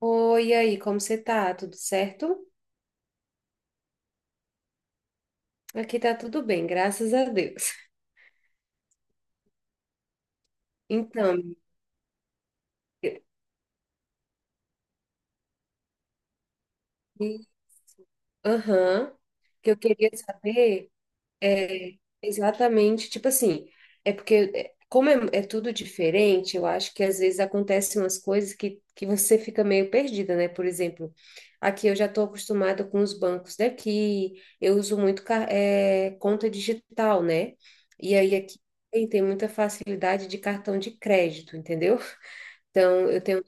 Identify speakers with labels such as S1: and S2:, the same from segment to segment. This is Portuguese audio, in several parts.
S1: Oi, e aí, como você tá? Tudo certo? Aqui tá tudo bem, graças a Deus. Então, amiga, e- aham, o que eu queria saber é exatamente, tipo assim, é porque é, como é, é tudo diferente. Eu acho que às vezes acontecem umas coisas que você fica meio perdida, né? Por exemplo, aqui eu já tô acostumada com os bancos daqui. Eu uso muito conta digital, né? E aí aqui tem muita facilidade de cartão de crédito, entendeu? Então, eu tenho,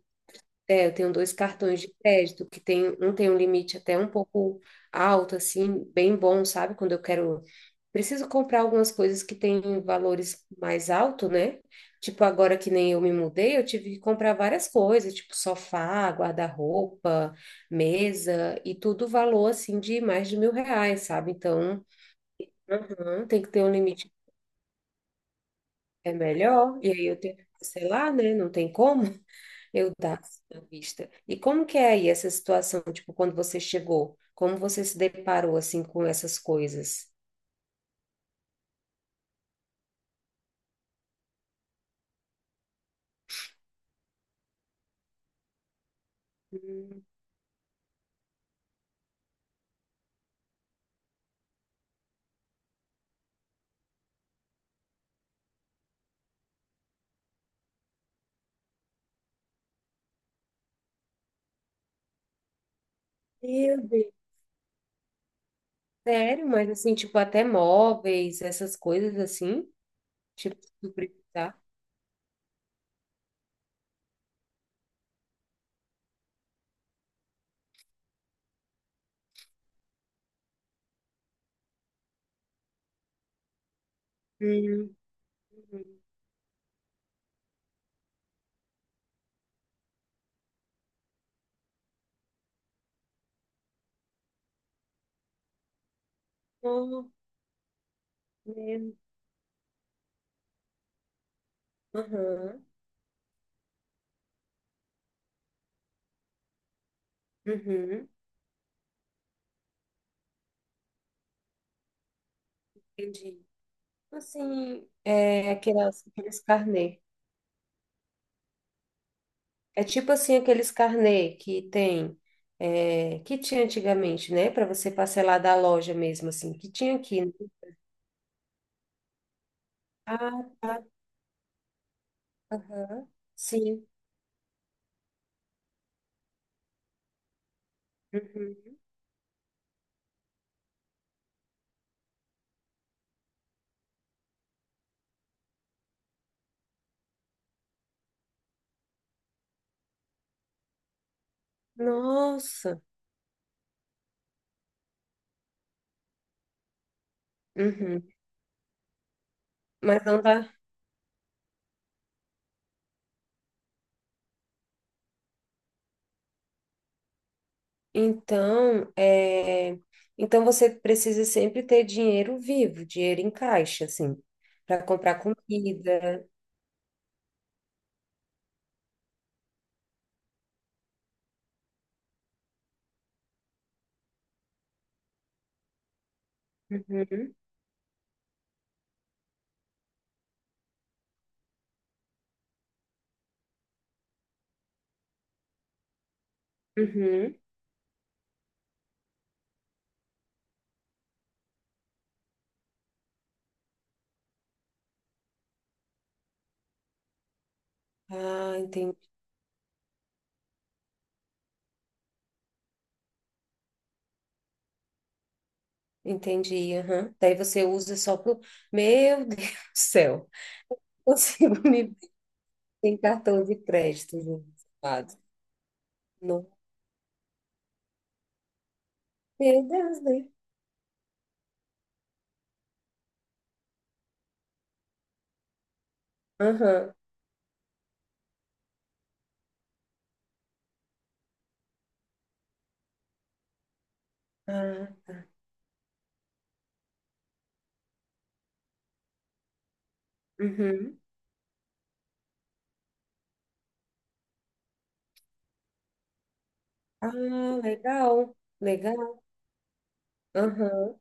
S1: é, eu tenho dois cartões de crédito, que tem um limite até um pouco alto, assim, bem bom, sabe? Quando eu quero, preciso comprar algumas coisas que têm valores mais alto, né? Tipo, agora que nem eu me mudei, eu tive que comprar várias coisas, tipo sofá, guarda-roupa, mesa, e tudo valor, assim, de mais de 1.000 reais, sabe? Então, uhum, tem que ter um limite. É melhor, e aí eu tenho que parcelar, né? Não tem como. Meu Deus, à vista. E como que é aí essa situação, tipo, quando você chegou? Como você se deparou, assim, com essas coisas? Hum, Meu Deus. Sério? Mas, assim, tipo, até móveis, essas coisas, assim? Tipo, se tu precisar. Hum. Oh, mesmo. Aham. Uhum. Entendi. Assim, é aqueles carnês. É tipo assim aqueles carnê que tem, que tinha antigamente, né? Para você parcelar da loja mesmo, assim, que tinha aqui, né? Ah, tá. Aham. Sim. Uhum. Nossa. Uhum. Mas não dá. Então, é, então você precisa sempre ter dinheiro vivo, dinheiro em caixa, assim, para comprar comida. Uhum. Uhum. Ah, entendi. Entendi. Aham. Daí você usa só pro. Meu Deus do céu. Consigo me ver sem cartão de crédito, gente amado. Não. Meu Deus, né? Aham. Ah, uhum. Ah, legal. Legal. Aham.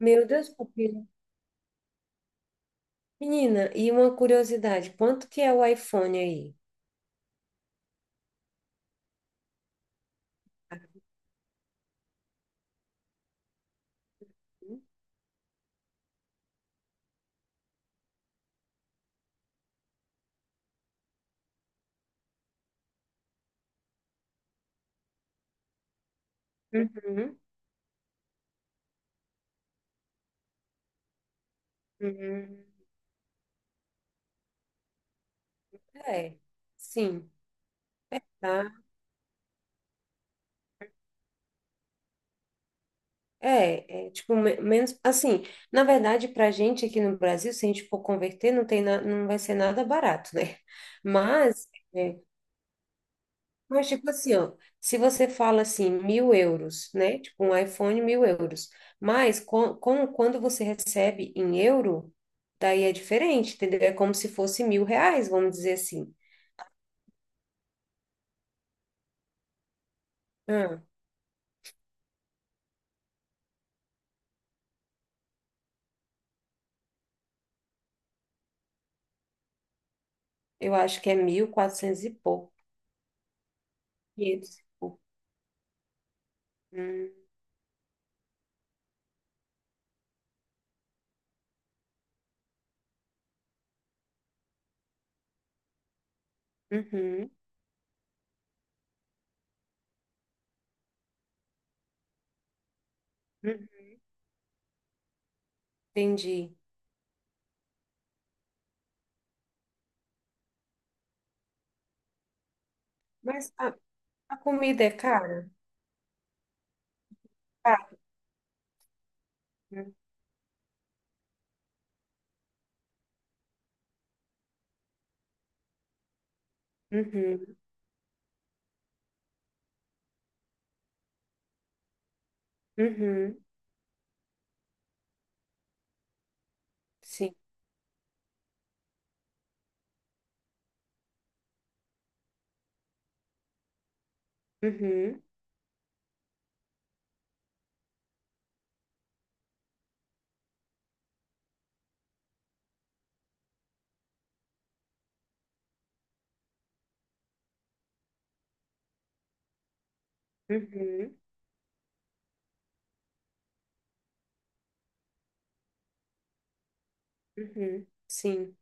S1: Meu Deus, pupila. Menina, e uma curiosidade, quanto que é o iPhone aí? Uhum. Uhum. É, sim, tá? É, é tipo, menos, assim, na verdade, pra gente aqui no Brasil, se a gente for converter, não vai ser nada barato, né? Mas, é, Mas, tipo assim, ó, se você fala assim, 1.000 euros, né? Tipo, um iPhone, 1.000 euros. Mas, quando você recebe em euro, daí é diferente, entendeu? É como se fosse 1.000 reais, vamos dizer assim. Ah, eu acho que é mil quatrocentos e pouco, quinhentos e pouco. Hum, uhum, uhum, entendi. Mas a comida é cara? Ah, uhum, uhum, sim. Uhum, uhum, uhum, sim.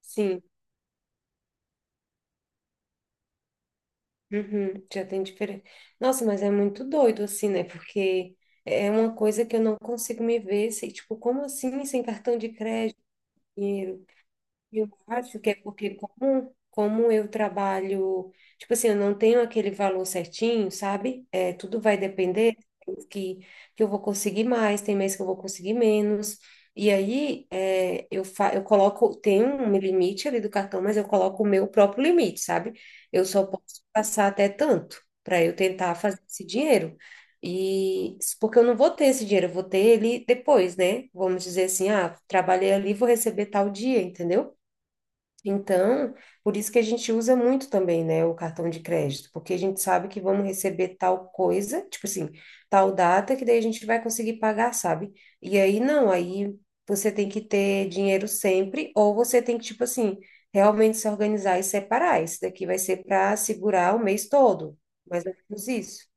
S1: Sim. Uhum, já tem diferença. Nossa, mas é muito doido assim, né? Porque é uma coisa que eu não consigo me ver, se, tipo, como assim sem cartão de crédito, dinheiro? Eu acho que é porque como, como eu trabalho, tipo assim, eu não tenho aquele valor certinho, sabe? É, tudo vai depender que, que eu vou conseguir mais, tem mês que eu vou conseguir menos. E aí é, eu coloco, tem um limite ali do cartão, mas eu coloco o meu próprio limite, sabe? Eu só posso passar até tanto para eu tentar fazer esse dinheiro. E porque eu não vou ter esse dinheiro, eu vou ter ele depois, né? Vamos dizer assim, ah, trabalhei ali, vou receber tal dia, entendeu? Então, por isso que a gente usa muito também, né, o cartão de crédito, porque a gente sabe que vamos receber tal coisa, tipo assim, tal data, que daí a gente vai conseguir pagar, sabe? E aí não, aí você tem que ter dinheiro sempre, ou você tem que, tipo assim, realmente se organizar e separar. Esse daqui vai ser para segurar o mês todo, mais ou menos isso.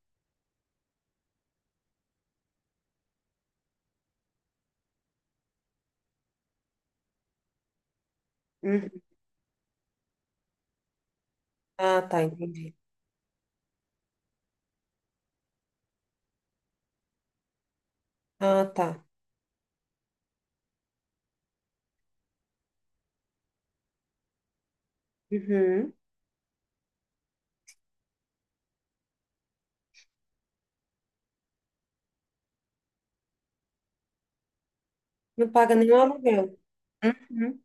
S1: Uhum. Ah, tá, entendi. Ah, tá. Uhum. Não paga nenhum aluguel. Uhum.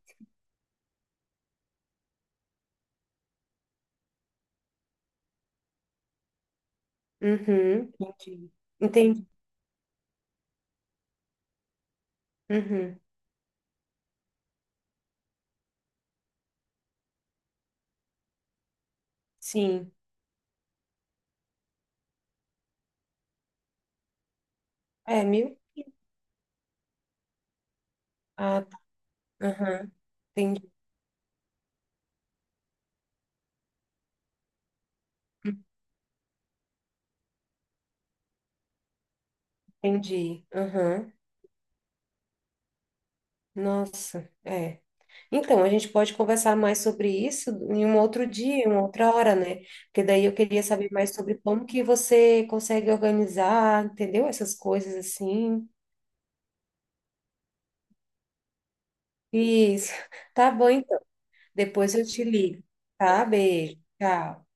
S1: Uhum. Entendi. Entendi. Uhum. Sim. É mil? Ah, tá. Aham. Entendi. Entendi. Aham. Nossa, é. Então, a gente pode conversar mais sobre isso em um outro dia, em uma outra hora, né? Porque daí eu queria saber mais sobre como que você consegue organizar, entendeu? Essas coisas assim. Isso. Tá bom, então. Depois eu te ligo, tá? Beijo. Tchau.